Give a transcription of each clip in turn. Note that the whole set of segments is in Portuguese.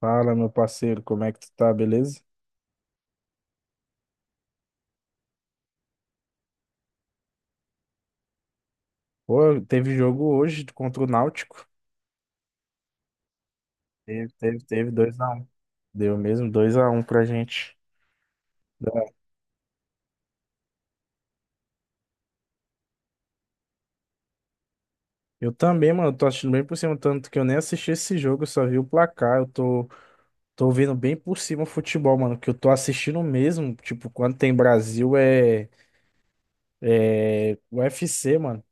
Fala, meu parceiro, como é que tu tá, beleza? Pô, teve jogo hoje contra o Náutico. Teve, 2 a 1. Deu mesmo 2 a 1 pra gente. Eu também, mano, tô assistindo bem por cima, tanto que eu nem assisti esse jogo, eu só vi o placar. Tô vendo bem por cima o futebol, mano, que eu tô assistindo mesmo. Tipo, quando tem Brasil é UFC, mano.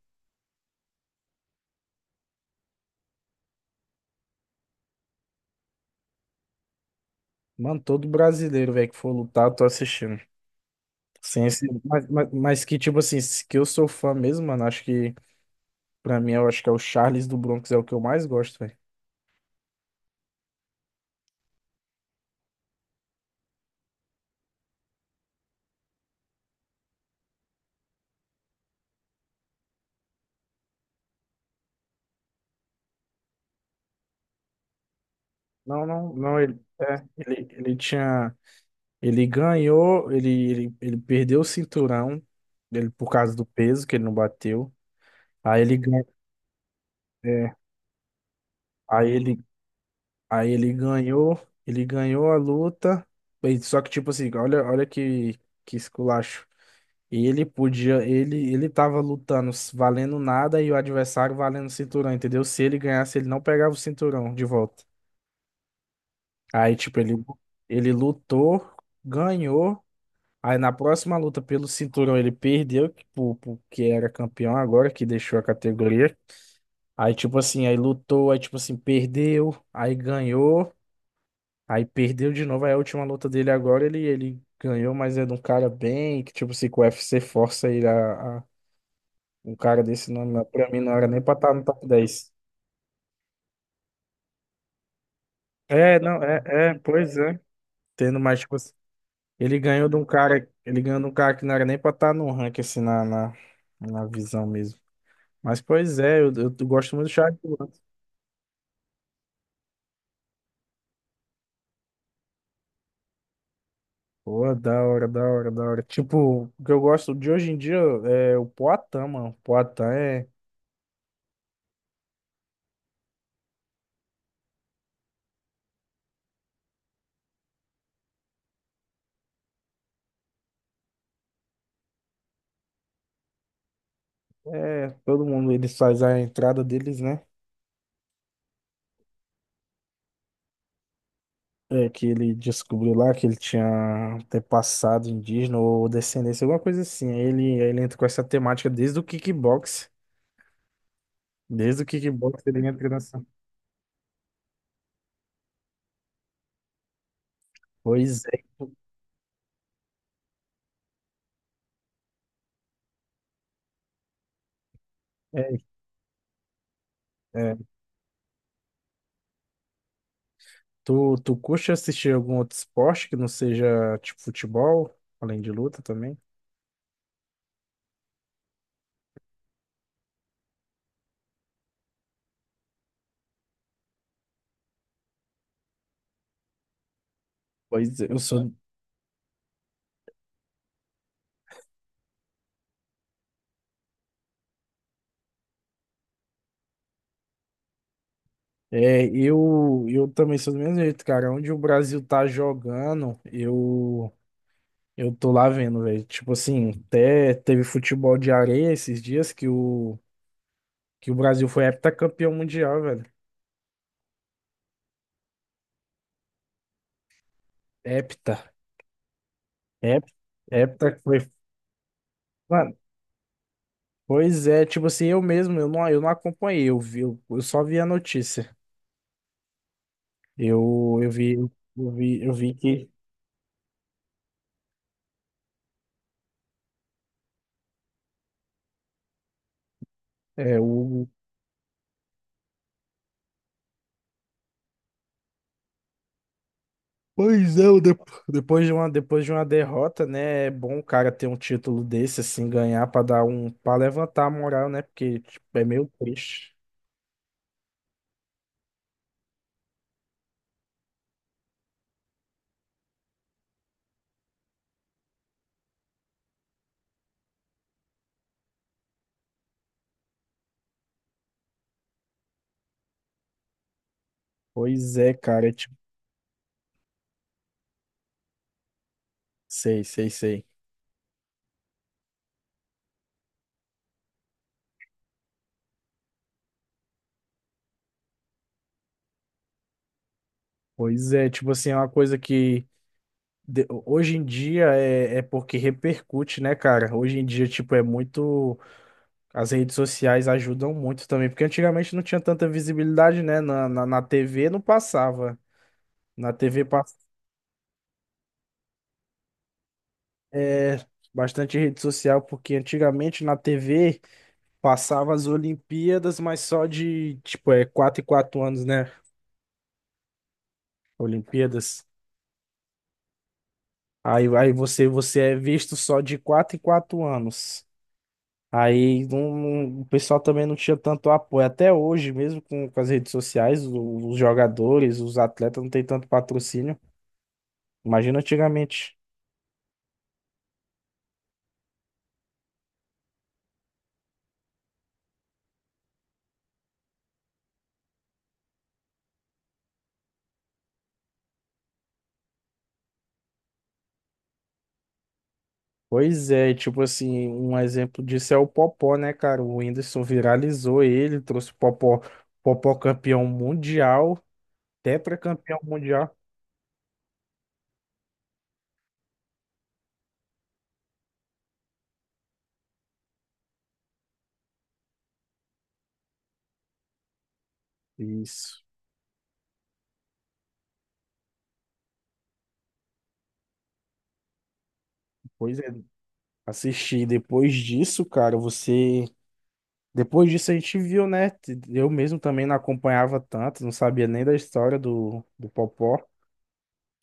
Mano, todo brasileiro, velho, que for lutar, eu tô assistindo. Sem esse, mas que, tipo assim, que eu sou fã mesmo, mano, acho que. Pra mim, eu acho que é o Charles do Bronx, é o que eu mais gosto, velho. Não, não, não, ele ganhou, ele perdeu o cinturão, ele, por causa do peso que ele não bateu. Aí ele, gan- é, aí ele, Aí ele ganhou a luta, só que tipo assim, olha, que esculacho. Ele podia, ele tava lutando valendo nada e o adversário valendo o cinturão, entendeu? Se ele ganhasse, ele não pegava o cinturão de volta. Aí, tipo, ele lutou, ganhou. Aí na próxima luta pelo cinturão ele perdeu, que pro que era campeão agora, que deixou a categoria. Aí, tipo assim, aí lutou, aí, tipo assim, perdeu, aí ganhou, aí perdeu de novo. Aí a última luta dele agora, ele ganhou, mas é de um cara bem, que, tipo assim, que o UFC força ele um cara desse nome, pra mim não era nem pra estar no top 10. É, não, pois é. Tendo mais, tipo, ele ganhou de um cara, ele ganhou de um cara que não era nem pra estar no ranking, assim, na visão mesmo. Mas, pois é, eu gosto muito do Charles Duarte. Pô, da hora, da hora, da hora. Tipo, o que eu gosto de hoje em dia é o Poatan, mano. O Poatan é, é... Todo mundo, eles faz a entrada deles, né? É, que ele descobriu lá que ele tinha ter passado indígena ou descendência, alguma coisa assim. Aí ele entra com essa temática desde o kickbox. Desde o kickbox ele entra nessa. Pois é. É, é. Tu, tu curte assistir algum outro esporte que não seja tipo futebol, além de luta também? Pois é, eu sou. É, eu também sou do mesmo jeito, cara. Onde o Brasil tá jogando, eu tô lá vendo, velho. Tipo assim, até teve futebol de areia esses dias que que o Brasil foi heptacampeão mundial, velho. Hepta. Hep, hepta foi. Mano, pois é, tipo assim, eu mesmo, eu não acompanhei, eu vi, eu só vi a notícia. Eu vi que é o... Pois é, o depois de uma derrota, né? É bom o cara ter um título desse, assim, ganhar pra dar um, para levantar a moral, né? Porque tipo, é meio triste. Pois é, cara, é tipo, sei, sei, sei. Pois é, tipo assim, é uma coisa que hoje em dia é porque repercute, né, cara? Hoje em dia, tipo, é muito. As redes sociais ajudam muito também, porque antigamente não tinha tanta visibilidade, né? Na TV não passava. Na TV passa é bastante rede social, porque antigamente na TV passava as Olimpíadas, mas só de, tipo, é 4 em 4 anos, né? Olimpíadas. Aí você, você é visto só de 4 em 4 anos. Aí o pessoal também não tinha tanto apoio. Até hoje, mesmo com as redes sociais, os jogadores, os atletas não têm tanto patrocínio. Imagina antigamente. Pois é, tipo assim, um exemplo disso é o Popó, né, cara? O Whindersson viralizou ele, trouxe o Popó, Popó campeão mundial, tetracampeão mundial. Isso, pois é, assisti. Depois disso, cara, você. Depois disso a gente viu, né? Eu mesmo também não acompanhava tanto, não sabia nem da história do, do Popó.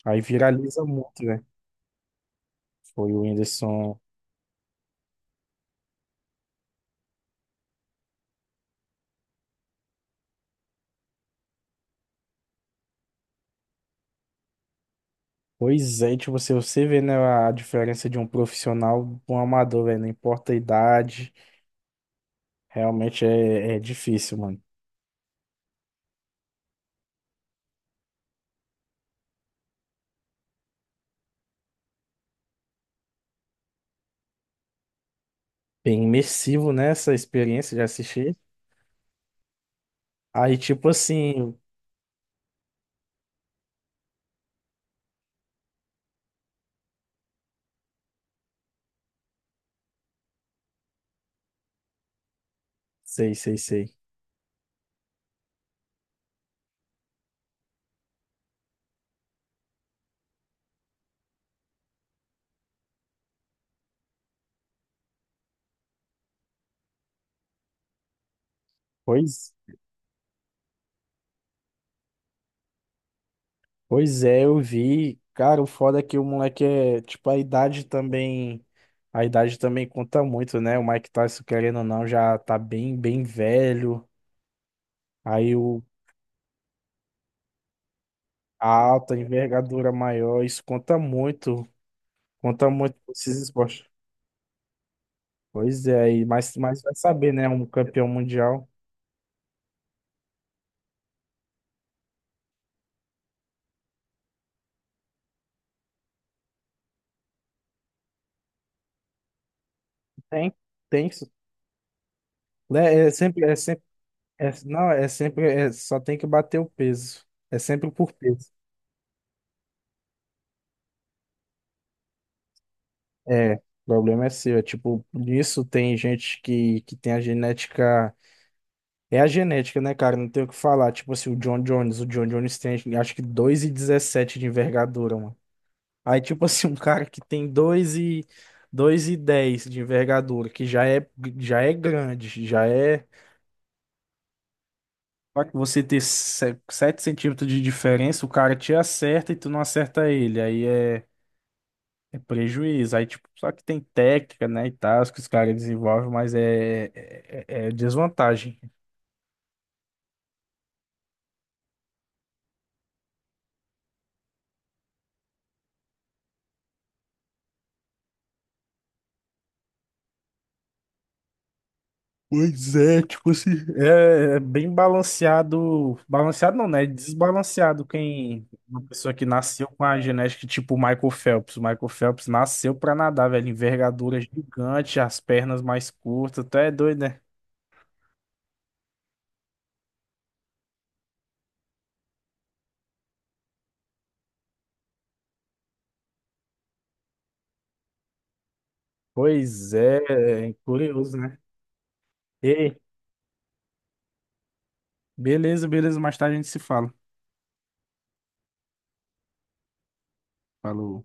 Aí viraliza muito, né? Foi o Whindersson. Pois é, tipo, você vê, né, a diferença de um profissional para um amador, velho, não importa a idade. Realmente é, é difícil, mano. Bem imersivo nessa experiência de assistir. Aí, tipo assim, sei, sei, sei. Pois, pois é, eu vi. Cara, o foda é que o moleque é, tipo, a idade também conta muito, né? O Mike Tyson, querendo ou não, já tá bem, bem velho. Aí o a alta, a envergadura maior, isso conta muito pra esses esportes. Pois é, aí, mas vai saber, né? Um campeão mundial. Tem. Tem. Né? É sempre, é sempre, é- não, É sempre, só tem que bater o peso. É sempre por peso. É, o problema é seu. É tipo, nisso tem gente que tem a genética. É a genética, né, cara? Não tem o que falar. Tipo assim, o John Jones. O John Jones tem, acho que 2,17 de envergadura, mano. Aí, tipo assim, um cara que tem 2,10 de envergadura, que já é grande, já é. Só que você ter 7 centímetros de diferença, o cara te acerta e tu não acerta ele. Aí é, é prejuízo. Aí, tipo, só que tem técnica, né, e tal, que os caras desenvolvem, mas é desvantagem. Pois é, tipo assim, é bem balanceado. Balanceado não, né? Desbalanceado quem. Uma pessoa que nasceu com a genética tipo o Michael Phelps. O Michael Phelps nasceu pra nadar, velho. Envergadura gigante, as pernas mais curtas. Até é doido, né? Pois é, é curioso, né? Ei, beleza, beleza. Mais tarde a gente se fala. Falou.